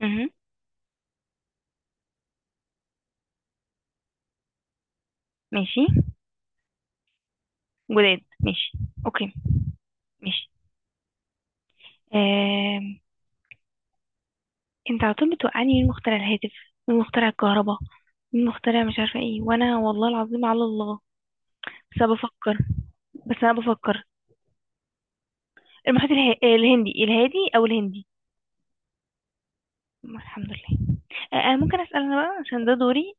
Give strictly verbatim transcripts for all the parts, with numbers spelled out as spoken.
مهم. ماشي. جداد ماشي. اوكي. ماشي. آم. انت على طول بتوقعني مين مخترع الهاتف، مين مخترع الكهرباء، مين مخترع مش عارفه ايه، وانا والله العظيم على الله بس انا بفكر. بس انا بفكر. المحيط اله... الهندي الهادي او الهندي. الحمد لله. آه آه، ممكن اسال انا بقى عشان ده دوري.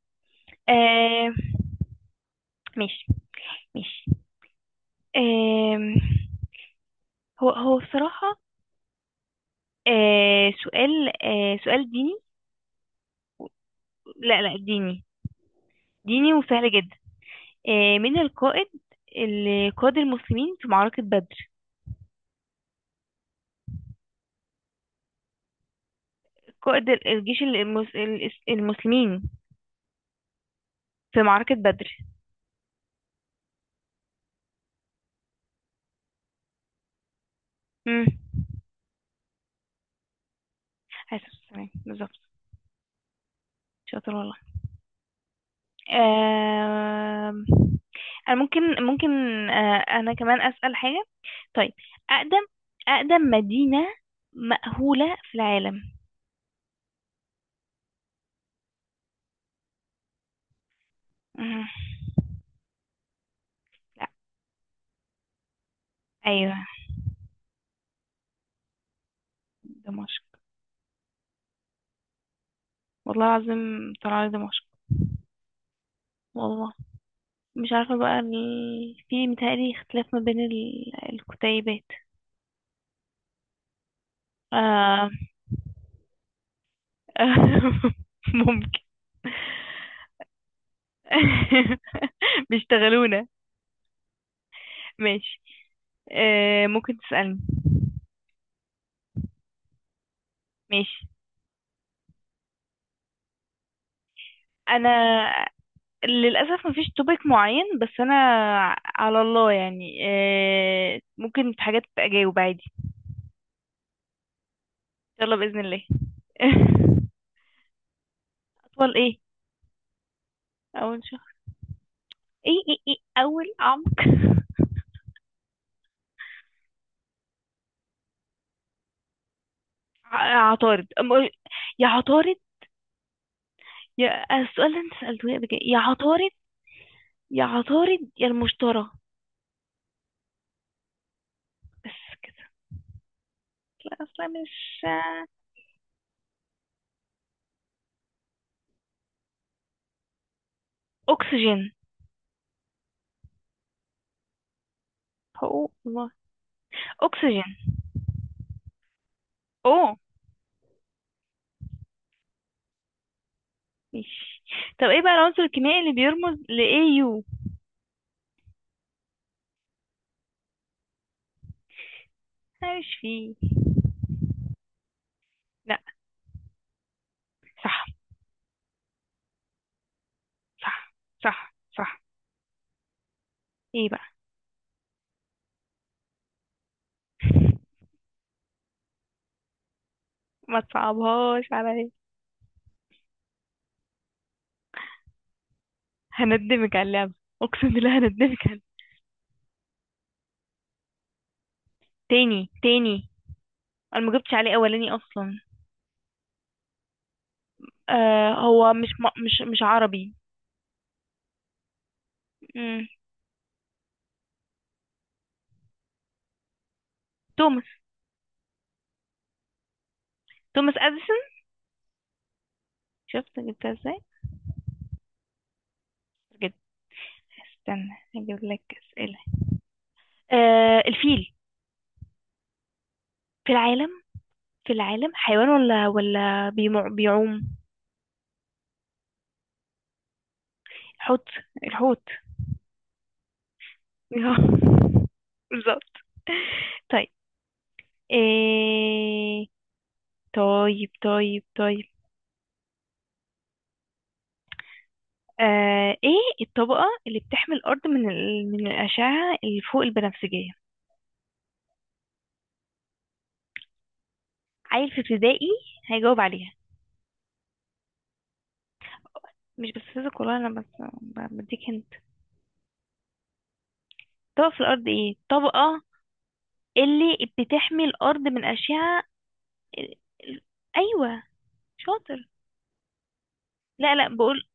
آه. ماشي. ماشي. آه. هو هو بصراحه. آه سؤال آه سؤال ديني. لا لا ديني. ديني وسهل جدا. آه، من القائد اللي قاد المسلمين في معركة بدر؟ قائد ال- الجيش ال- المس- ال- المسلمين في معركة بدر. امم عليه الصلاة والسلام بالظبط. شاطر والله. آم، أنا ممكن ممكن. آه، أنا كمان أسأل حاجة. طيب. أقدم أقدم مدينة مأهولة في العالم. مم. لا. أيوه. دمشق. والله العظيم طلع لي دمشق. والله. مش عارفة بقى ال... في متهيألي اختلاف ما بين ال... الكتيبات. آه... ممكن. بيشتغلونا. ماشي. آه... ممكن تسألني. ماشي. انا للأسف مفيش توبيك معين، بس انا على الله يعني، آه... ممكن في حاجات اجاوب عادي ان شاء الله بإذن الله. اطول ايه؟ اول شهر. ايه ايه ايه. اول عمق. ع- عطارد أم- يا عطارد، يا السؤال اللي انت سألته لي قبل كده، يا عطارد، يا عطارد يا المشتري. بس كده. لا اصلا مش. اكسجين. هو الله. اكسجين. اوه. ماشي. طب ايه بقى العنصر الكيميائي اللي بيرمز ل إيه يو؟ انا مش فيه. لا. صح صح صح صح. ايه بقى. ما تصعبهاش عليا. هندمك على اللعبة. اقسم بالله هندمك على. تاني تاني. انا ما جبتش عليه اولاني اصلا. آه، هو مش م- مش مش عربي. مم. توماس. توماس اديسون. شفت جبتها ازاي. جبت. استنى، هجيب لك اسئله. آه الفيل. في العالم في العالم حيوان ولا ولا بيمع... بيعوم. حوت. الحوت. بالظبط. طيب. إيه... طيب طيب طيب. آه... ايه الطبقة اللي بتحمي الأرض من ال... من الأشعة اللي فوق البنفسجية؟ عيل في ابتدائي هيجاوب عليها. مش بستفزك والله، انا بس ب- بديك هنت. طبقة في الارض ايه طبقة اللي بتحمي الارض من اشعة ال- ال- ايوه. شاطر. لا لا بقول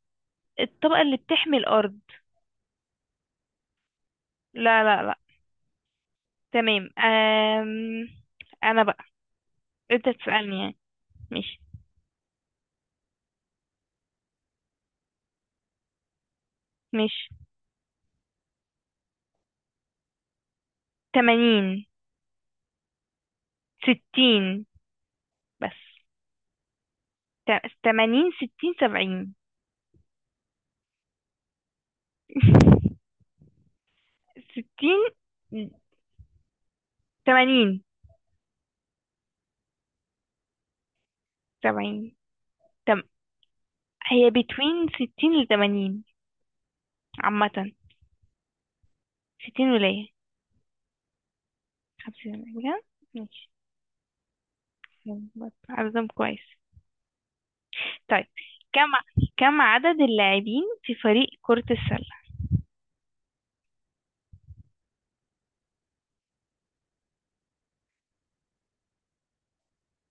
الطبقة اللي بتحمي الارض. لا لا لا. تمام. أم... انا بقى انت تسألني يعني، مش مش تمانين ستين بس. تا- تمانين ستين سبعين. ستين تمانين سبعين. تم هي بتوين ستين لتمانين عامة. ستين ولاية. خمسين ولاية بجد. ماشي. يلا، عددهم كويس. طيب. كم كم عدد اللاعبين في فريق كرة السلة؟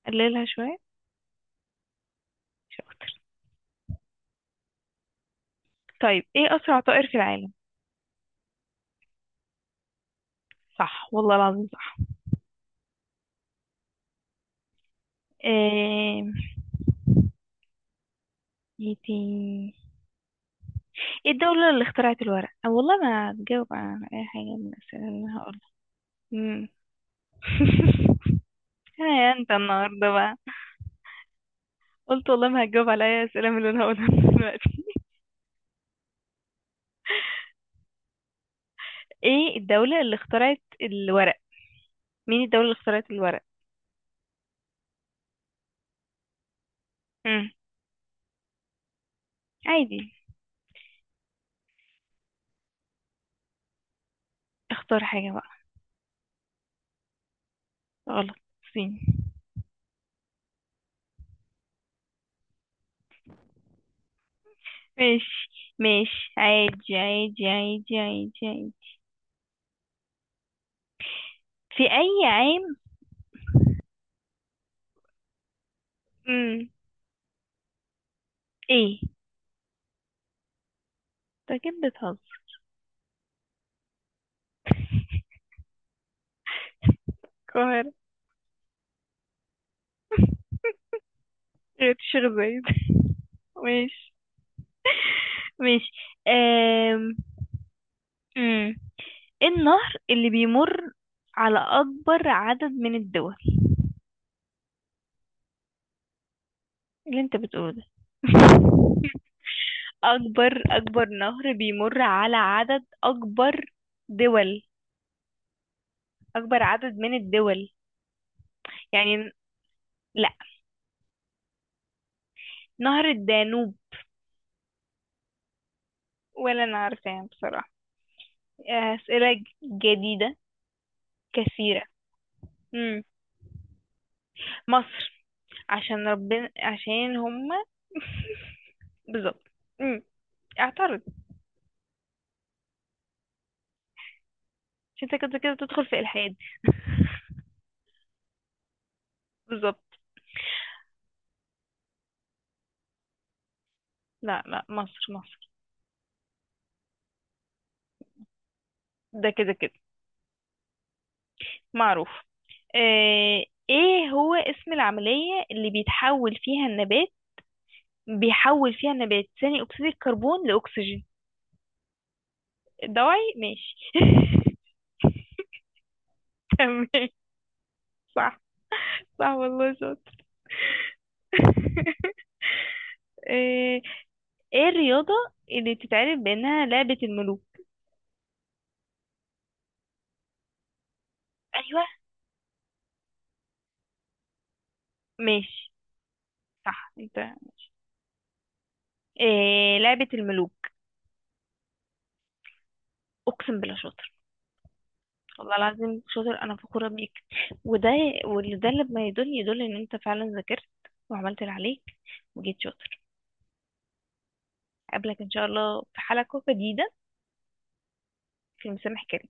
قللها شوية. شاطر. طيب ايه أسرع طائر في العالم؟ صح والله العظيم صح. ايه. ايه تاني؟ إيه الدولة اللي اخترعت الورق؟ أو والله ما هتجاوب على أي حاجة من الأسئلة اللي أنا هقولها. مم. يا أنت النهاردة بقى. قلت والله ما هتجاوب على أي أسئلة من اللي أنا هقولها دلوقتي. ايه الدولة اللي اخترعت الورق؟ مين الدولة اللي اخترعت الورق؟ مم. عادي. اختار حاجة بقى. غلط. الصين. ماشي. ماشي عادي عادي عادي عادي عادي. في أي عام؟ مم. ايه؟ انت كده بتهزر. القاهرة. غير الشيخ زايد. ماشي. ماشي. أم... مم. ايه النهر اللي بيمر على أكبر عدد من الدول؟ اللي انت بتقوله ده. أكبر أكبر نهر بيمر على عدد أكبر دول. أكبر عدد من الدول يعني. لا، نهر الدانوب. ولا أنا عارفاه بصراحة. آه، أسئلة ج- جديدة كثيرة. مم. مصر. عشان ربنا عشان هما. بالظبط. مم. اعترض. عشان انت كده كده تدخل في إلحاد. بالظبط. لا لا مصر مصر. ده كده كده معروف. آه، ايه هو اسم العملية اللي بيتحول فيها النبات، بيحول فيها النبات ثاني اكسيد الكربون لاكسجين؟ الدواعي ماشي. تمام. صح. صح والله شاطر. ايه. إيه الرياضة اللي بتتعرف بانها لعبة الملوك؟ ايوه. ماشي. صح انت، ماشي. إيه لعبة الملوك؟ اقسم بالله شاطر. والله العظيم شاطر انا فخورة بيك. وده، واللي ده اللي ما يدل يدل ان انت فعلا ذاكرت وعملت اللي عليك وجيت شاطر. اقابلك ان شاء الله في حلقة جديدة في المسامح كامل.